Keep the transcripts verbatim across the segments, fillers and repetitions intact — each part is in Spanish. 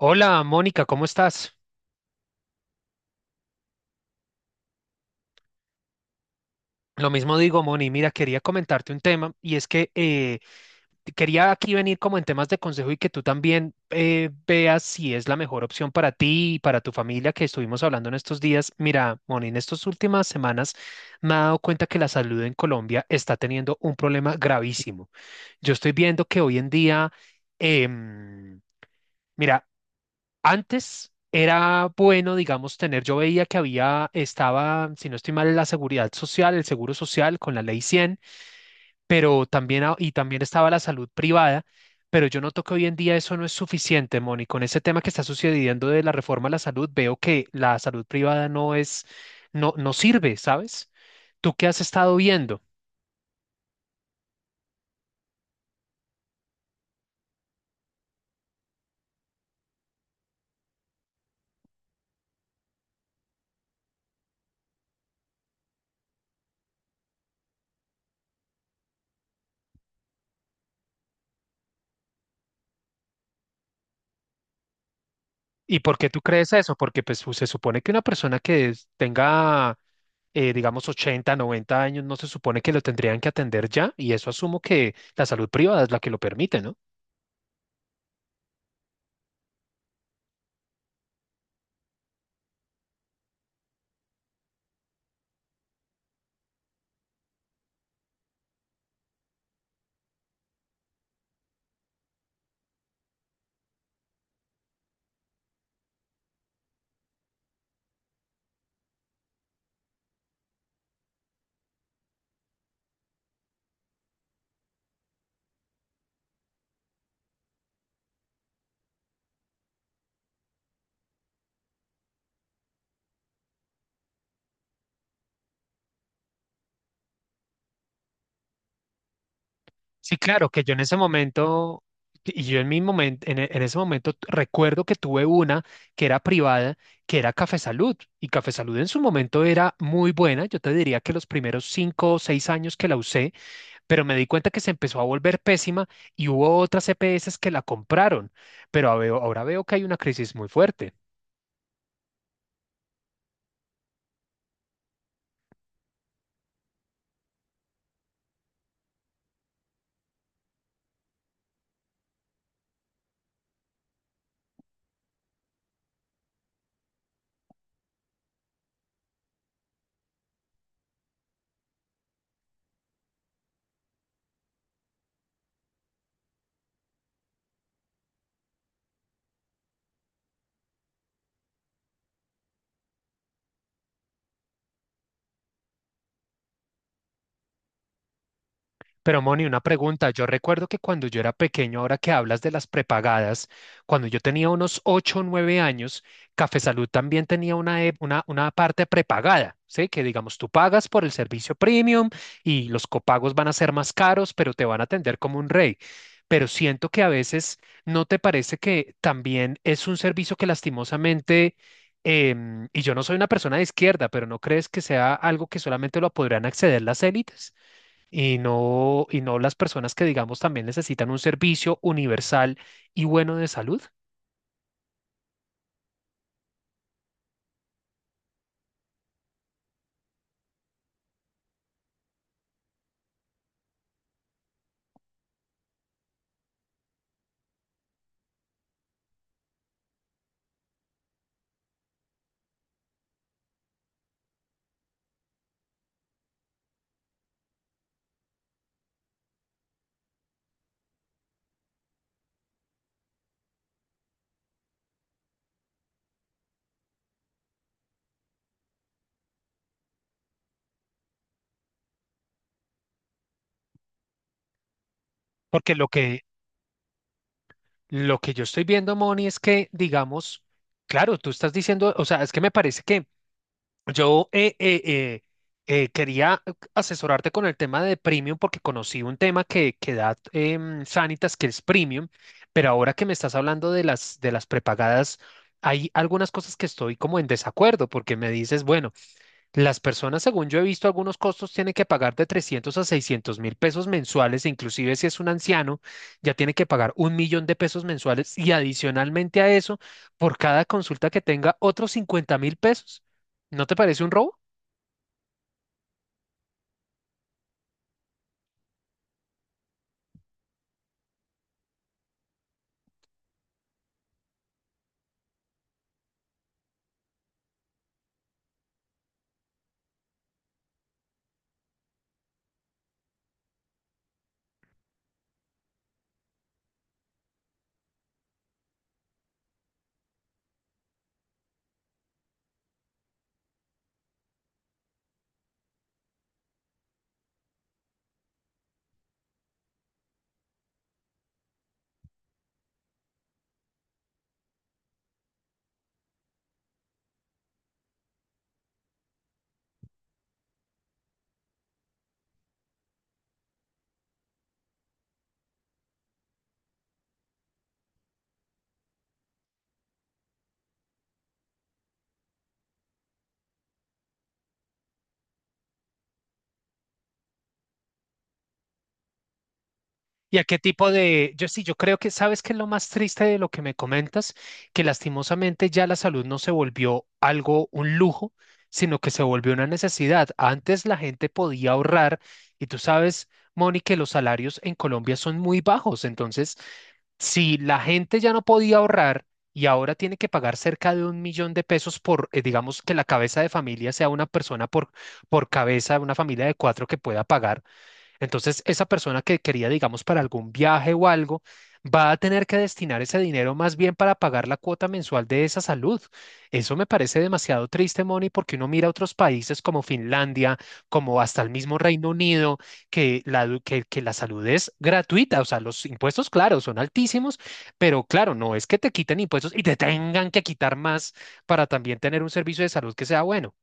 Hola, Mónica, ¿cómo estás? Lo mismo digo, Moni. Mira, quería comentarte un tema y es que eh, quería aquí venir como en temas de consejo y que tú también eh, veas si es la mejor opción para ti y para tu familia que estuvimos hablando en estos días. Mira, Moni, en estas últimas semanas me he dado cuenta que la salud en Colombia está teniendo un problema gravísimo. Yo estoy viendo que hoy en día, em, mira, Antes era bueno, digamos, tener, yo veía que había, estaba, si no estoy mal, la seguridad social, el seguro social con la ley cien, pero también, a- y también estaba la salud privada, pero yo noto que hoy en día eso no es suficiente, Moni. Con ese tema que está sucediendo de la reforma a la salud, veo que la salud privada no es, no, no sirve, ¿sabes? ¿Tú qué has estado viendo? ¿Y por qué tú crees eso? Porque pues, se supone que una persona que es- tenga, eh, digamos, ochenta, noventa años, no se supone que lo tendrían que atender ya, y eso asumo que la salud privada es la que lo permite, ¿no? Sí, claro, que yo en ese momento, y yo en mi momento, en, e- en ese momento t- recuerdo que tuve una que era privada, que era Café Salud, y Café Salud en su momento era muy buena, yo te diría que los primeros cinco o seis años que la usé, pero me di cuenta que se empezó a volver pésima y hubo otras E P S que la compraron, pero a- veo- ahora veo que hay una crisis muy fuerte. Pero Moni, una pregunta. Yo recuerdo que cuando yo era pequeño, ahora que hablas de las prepagadas, cuando yo tenía unos ocho o nueve años, Café Salud también tenía una, e- una, una parte prepagada, ¿sí? Que digamos, tú pagas por el servicio premium y los copagos van a ser más caros, pero te van a atender como un rey. Pero siento que a veces no te parece que también es un servicio que lastimosamente, em, y yo no soy una persona de izquierda, pero ¿no crees que sea algo que solamente lo podrán acceder las élites? Y no, y no las personas que, digamos, también necesitan un servicio universal y bueno de salud. Porque lo que, lo que yo estoy viendo, Moni, es que, digamos, claro, tú estás diciendo, o sea, es que me parece que yo eh, eh, eh, eh, quería asesorarte con el tema de premium porque conocí un tema que, que da em, Sanitas, que es premium, pero ahora que me estás hablando de las, de las prepagadas, hay algunas cosas que estoy como en desacuerdo porque me dices, bueno, Las personas, según yo he visto, algunos costos tienen que pagar de trescientos a seiscientos mil pesos mensuales, e inclusive si es un anciano, ya tiene que pagar un millón de pesos mensuales y adicionalmente a eso, por cada consulta que tenga, otros cincuenta mil pesos. ¿No te parece un robo? ¿Y a qué tipo de...? Yo sí, yo creo que sabes que es lo más triste de lo que me comentas, que lastimosamente ya la salud no se volvió algo, un lujo, sino que se volvió una necesidad. Antes la gente podía ahorrar y tú sabes, Moni, que los salarios en Colombia son muy bajos. Entonces, si la gente ya no podía ahorrar y ahora tiene que pagar cerca de un millón de pesos por, eh, digamos, que la cabeza de familia sea una persona por, por cabeza, una familia de cuatro que pueda pagar entonces, esa persona que quería, digamos, para algún viaje o algo, va a tener que destinar ese dinero más bien para pagar la cuota mensual de esa salud. Eso me parece demasiado triste, Moni, porque uno mira otros países como Finlandia, como hasta el mismo Reino Unido, que la, edu- que, que la salud es gratuita. O sea, los impuestos, claro, son altísimos, pero claro, no es que te quiten impuestos y te tengan que quitar más para también tener un servicio de salud que sea bueno.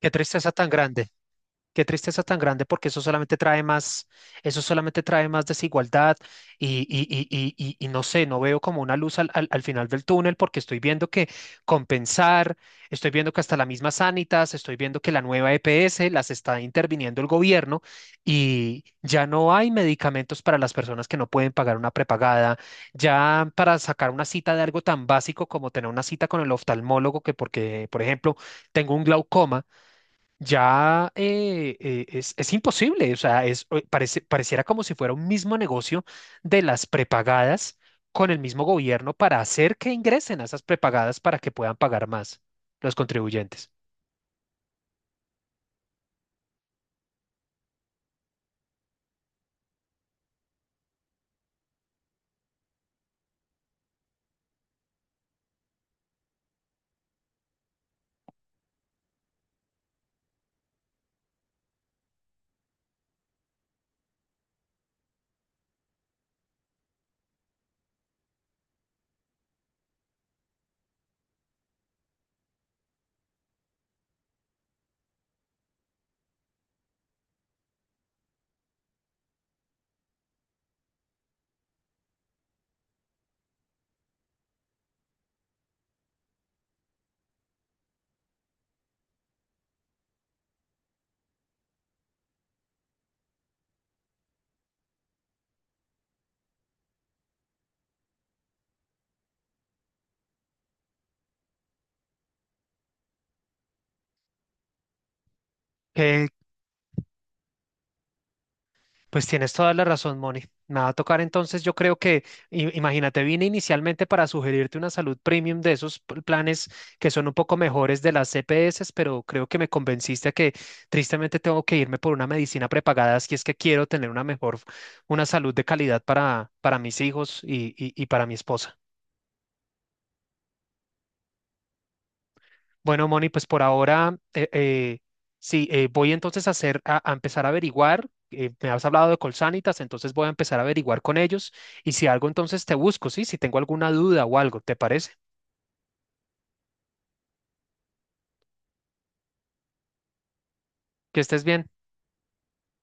Qué tristeza tan grande. Qué tristeza tan grande porque eso solamente trae más, eso solamente trae más desigualdad y, y- y- y- y- y no sé, no veo como una luz al, al- al final del túnel porque estoy viendo que compensar, estoy viendo que hasta la misma Sanitas, estoy viendo que la nueva E P S las está interviniendo el gobierno y ya no hay medicamentos para las personas que no pueden pagar una prepagada, ya para sacar una cita de algo tan básico como tener una cita con el oftalmólogo que porque, por ejemplo, tengo un glaucoma ya eh, eh, es, es imposible, o sea, es, eh, parece, pareciera como si fuera un mismo negocio de las prepagadas con el mismo gobierno para hacer que ingresen a esas prepagadas para que puedan pagar más los contribuyentes. Pues tienes toda la razón, Moni. Me va a tocar entonces, yo creo que, i- imagínate, vine inicialmente para sugerirte una salud premium de esos pl- planes que son un poco mejores de las C P S, pero creo que me convenciste a que tristemente tengo que irme por una medicina prepagada si es que quiero tener una mejor, una salud de calidad para, para mis hijos y y- y para mi esposa. Bueno, Moni, pues por ahora, eh, eh, sí, eh, voy entonces a hacer, a, a empezar a averiguar. eh, me has hablado de Colsanitas, entonces voy a empezar a averiguar con ellos y si algo, entonces te busco, ¿sí? Si tengo alguna duda o algo, ¿te parece? Que estés bien.